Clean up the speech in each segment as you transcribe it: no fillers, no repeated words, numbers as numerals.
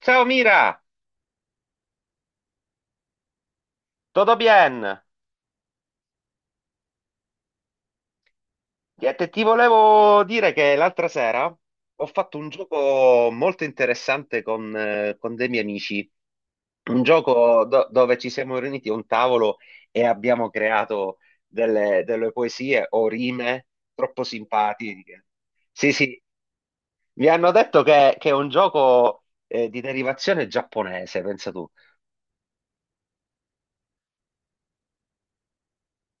Ciao Mira, tutto bien? Niente, ti volevo dire che l'altra sera ho fatto un gioco molto interessante con dei miei amici, un gioco dove ci siamo riuniti a un tavolo e abbiamo creato delle poesie o rime troppo simpatiche. Sì, sì, mi hanno detto che è un gioco di derivazione giapponese, pensa tu.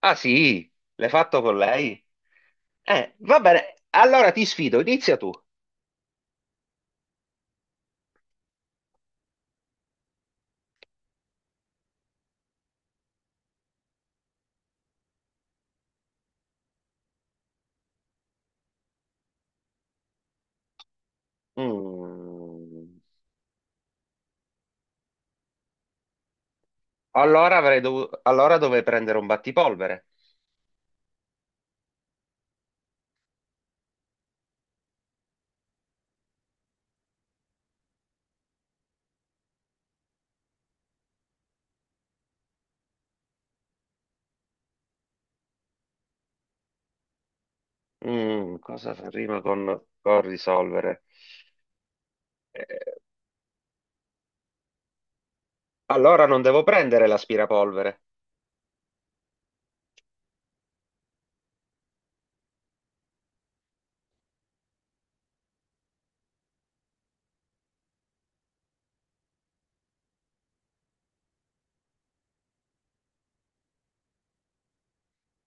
Ah sì, l'hai fatto con lei? Va bene, allora ti sfido, inizia tu. Mm. Allora avrei dovuto... Allora dovrei prendere un battipolvere. Mm, rima con risolvere? Eh, allora non devo prendere l'aspirapolvere.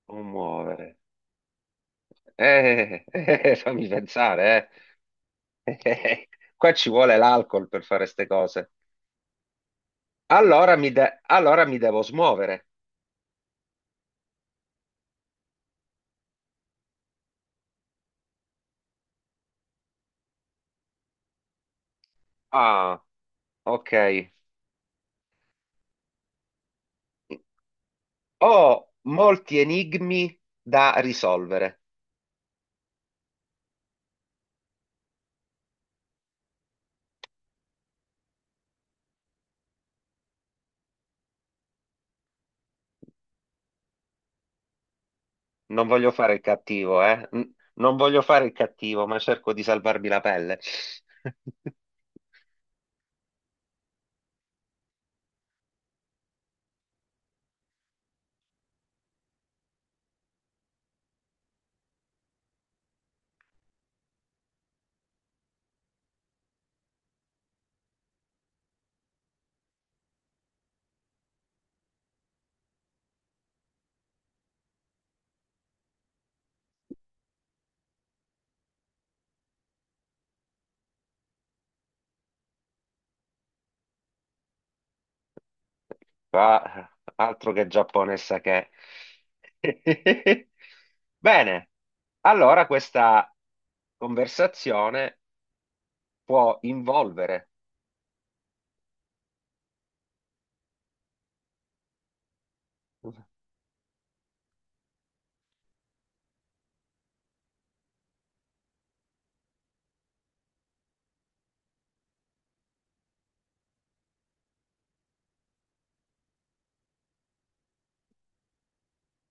Non muovere. Fammi pensare, eh. Eh, Qua ci vuole l'alcol per fare ste cose. Allora mi devo smuovere. Ah, ok. Ho molti enigmi da risolvere. Non voglio fare il cattivo, eh? Non voglio fare il cattivo, ma cerco di salvarmi la pelle. Qua, altro che Giappone, sa che. Bene, allora questa conversazione può involvere,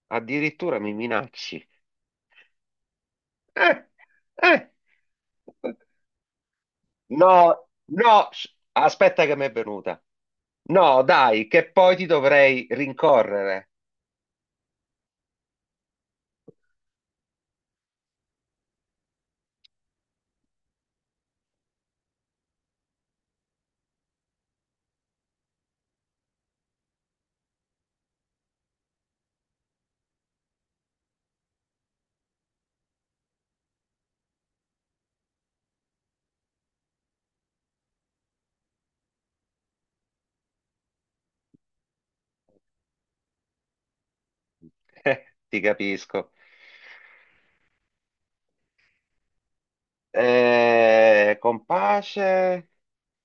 addirittura mi minacci. Eh, eh. No, no, aspetta che mi è venuta. No, dai, che poi ti dovrei rincorrere. Ti capisco. Compace.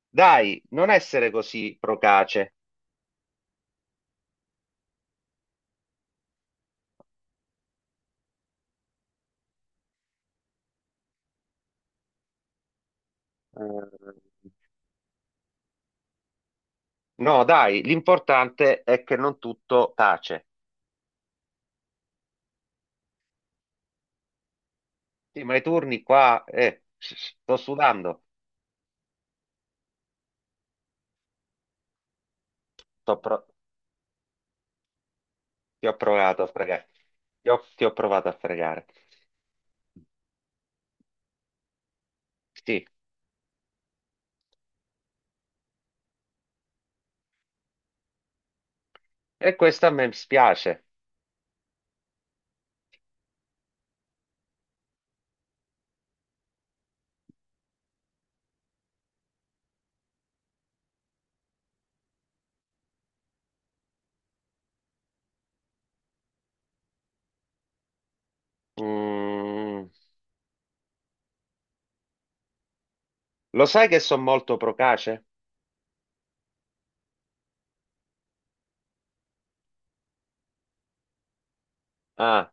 Dai, non essere così procace. Eh, No, dai, l'importante è che non tutto tace. Sì, ma i turni qua, sto sudando. Sto pro- ti ho provato a fregare. Ti ho provato a fregare. Sì, e questo a me spiace. Mm, lo sai che sono molto procace? Ah,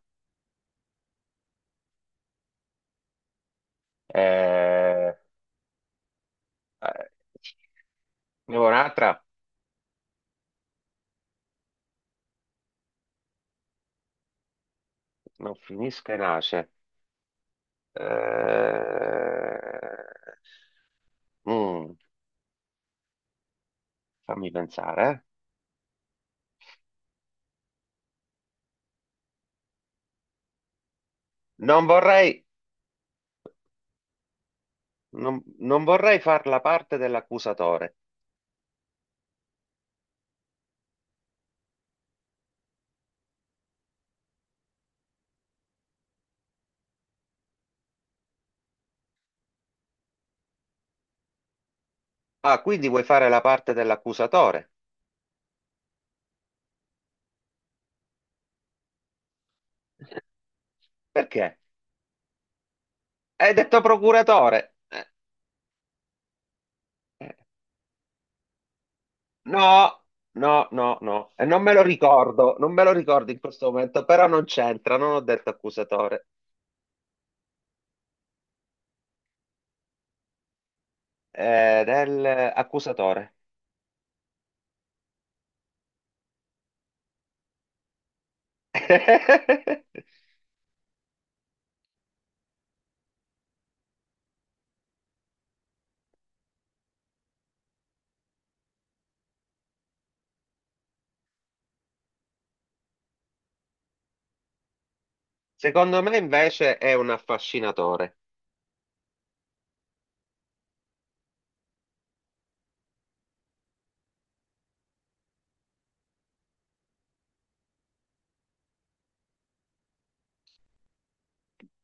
eh, eh, ne vuoi un'altra? Non finisca e nasce. Eh, mm, fammi pensare. Non vorrei, non vorrei far la parte dell'accusatore. Ah, quindi vuoi fare la parte dell'accusatore? Perché? Hai detto procuratore. Eh, No, no, no, no. E non me lo ricordo, non me lo ricordo in questo momento, però non c'entra, non ho detto accusatore. Del accusatore. Secondo me invece è un affascinatore.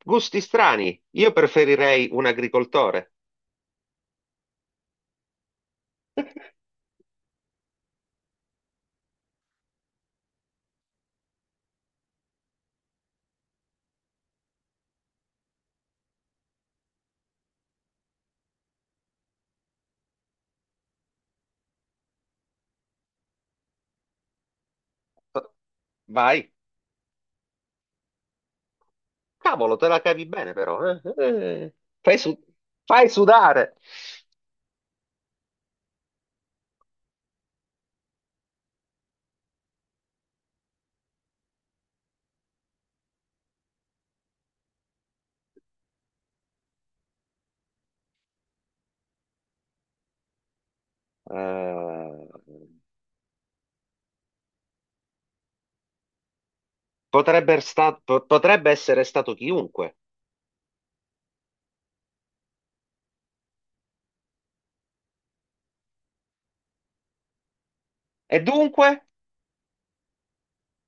Gusti strani, io preferirei un agricoltore. Vai, cavolo, te la cavi bene però. Eh? Fai, su- fai sudare. Eh, potrebbe essere stato chiunque. E dunque?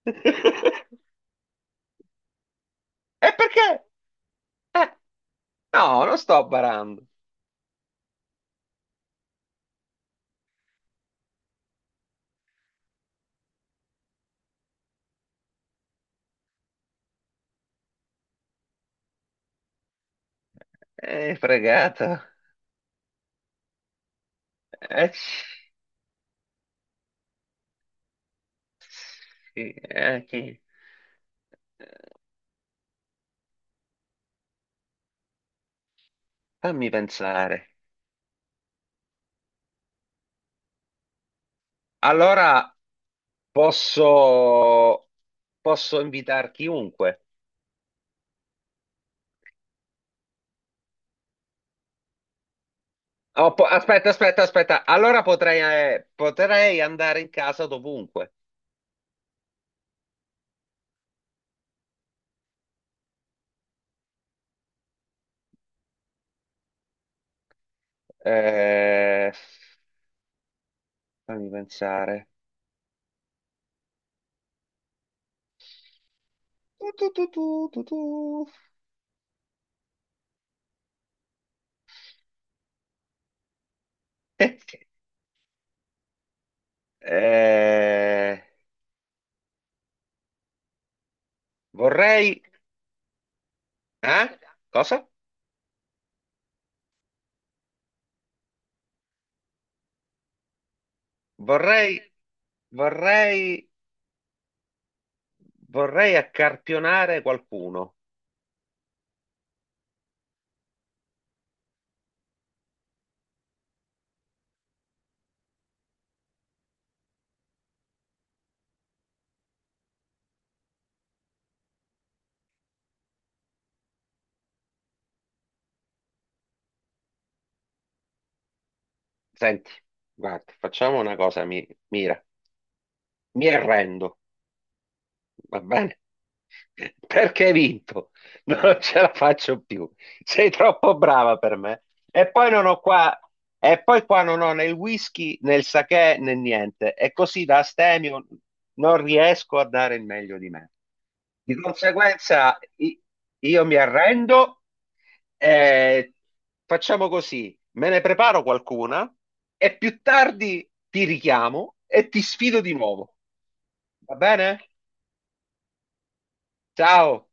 E perché? Eh, no, non sto barando. Fregato. Eh, sì, chi? Fammi pensare. Allora. Posso, posso invitare chiunque. Oh, aspetta, aspetta, aspetta. Allora potrei, potrei andare in casa dovunque. Eh, fammi pensare. Tu, tu, tu, tu, tu, tu. Eh, vorrei... Eh? Cosa? Vorrei... Vorrei... Vorrei accarpionare qualcuno. Senti, guarda, facciamo una cosa, mira. Mi arrendo. Va bene? Perché hai vinto? Non ce la faccio più. Sei troppo brava per me. E poi non ho qua, e poi qua non ho né il whisky né il sake né niente. E così da astemio non riesco a dare il meglio di me. Di conseguenza i- io mi arrendo e facciamo così. Me ne preparo qualcuna e più tardi ti richiamo e ti sfido di nuovo. Va bene? Ciao.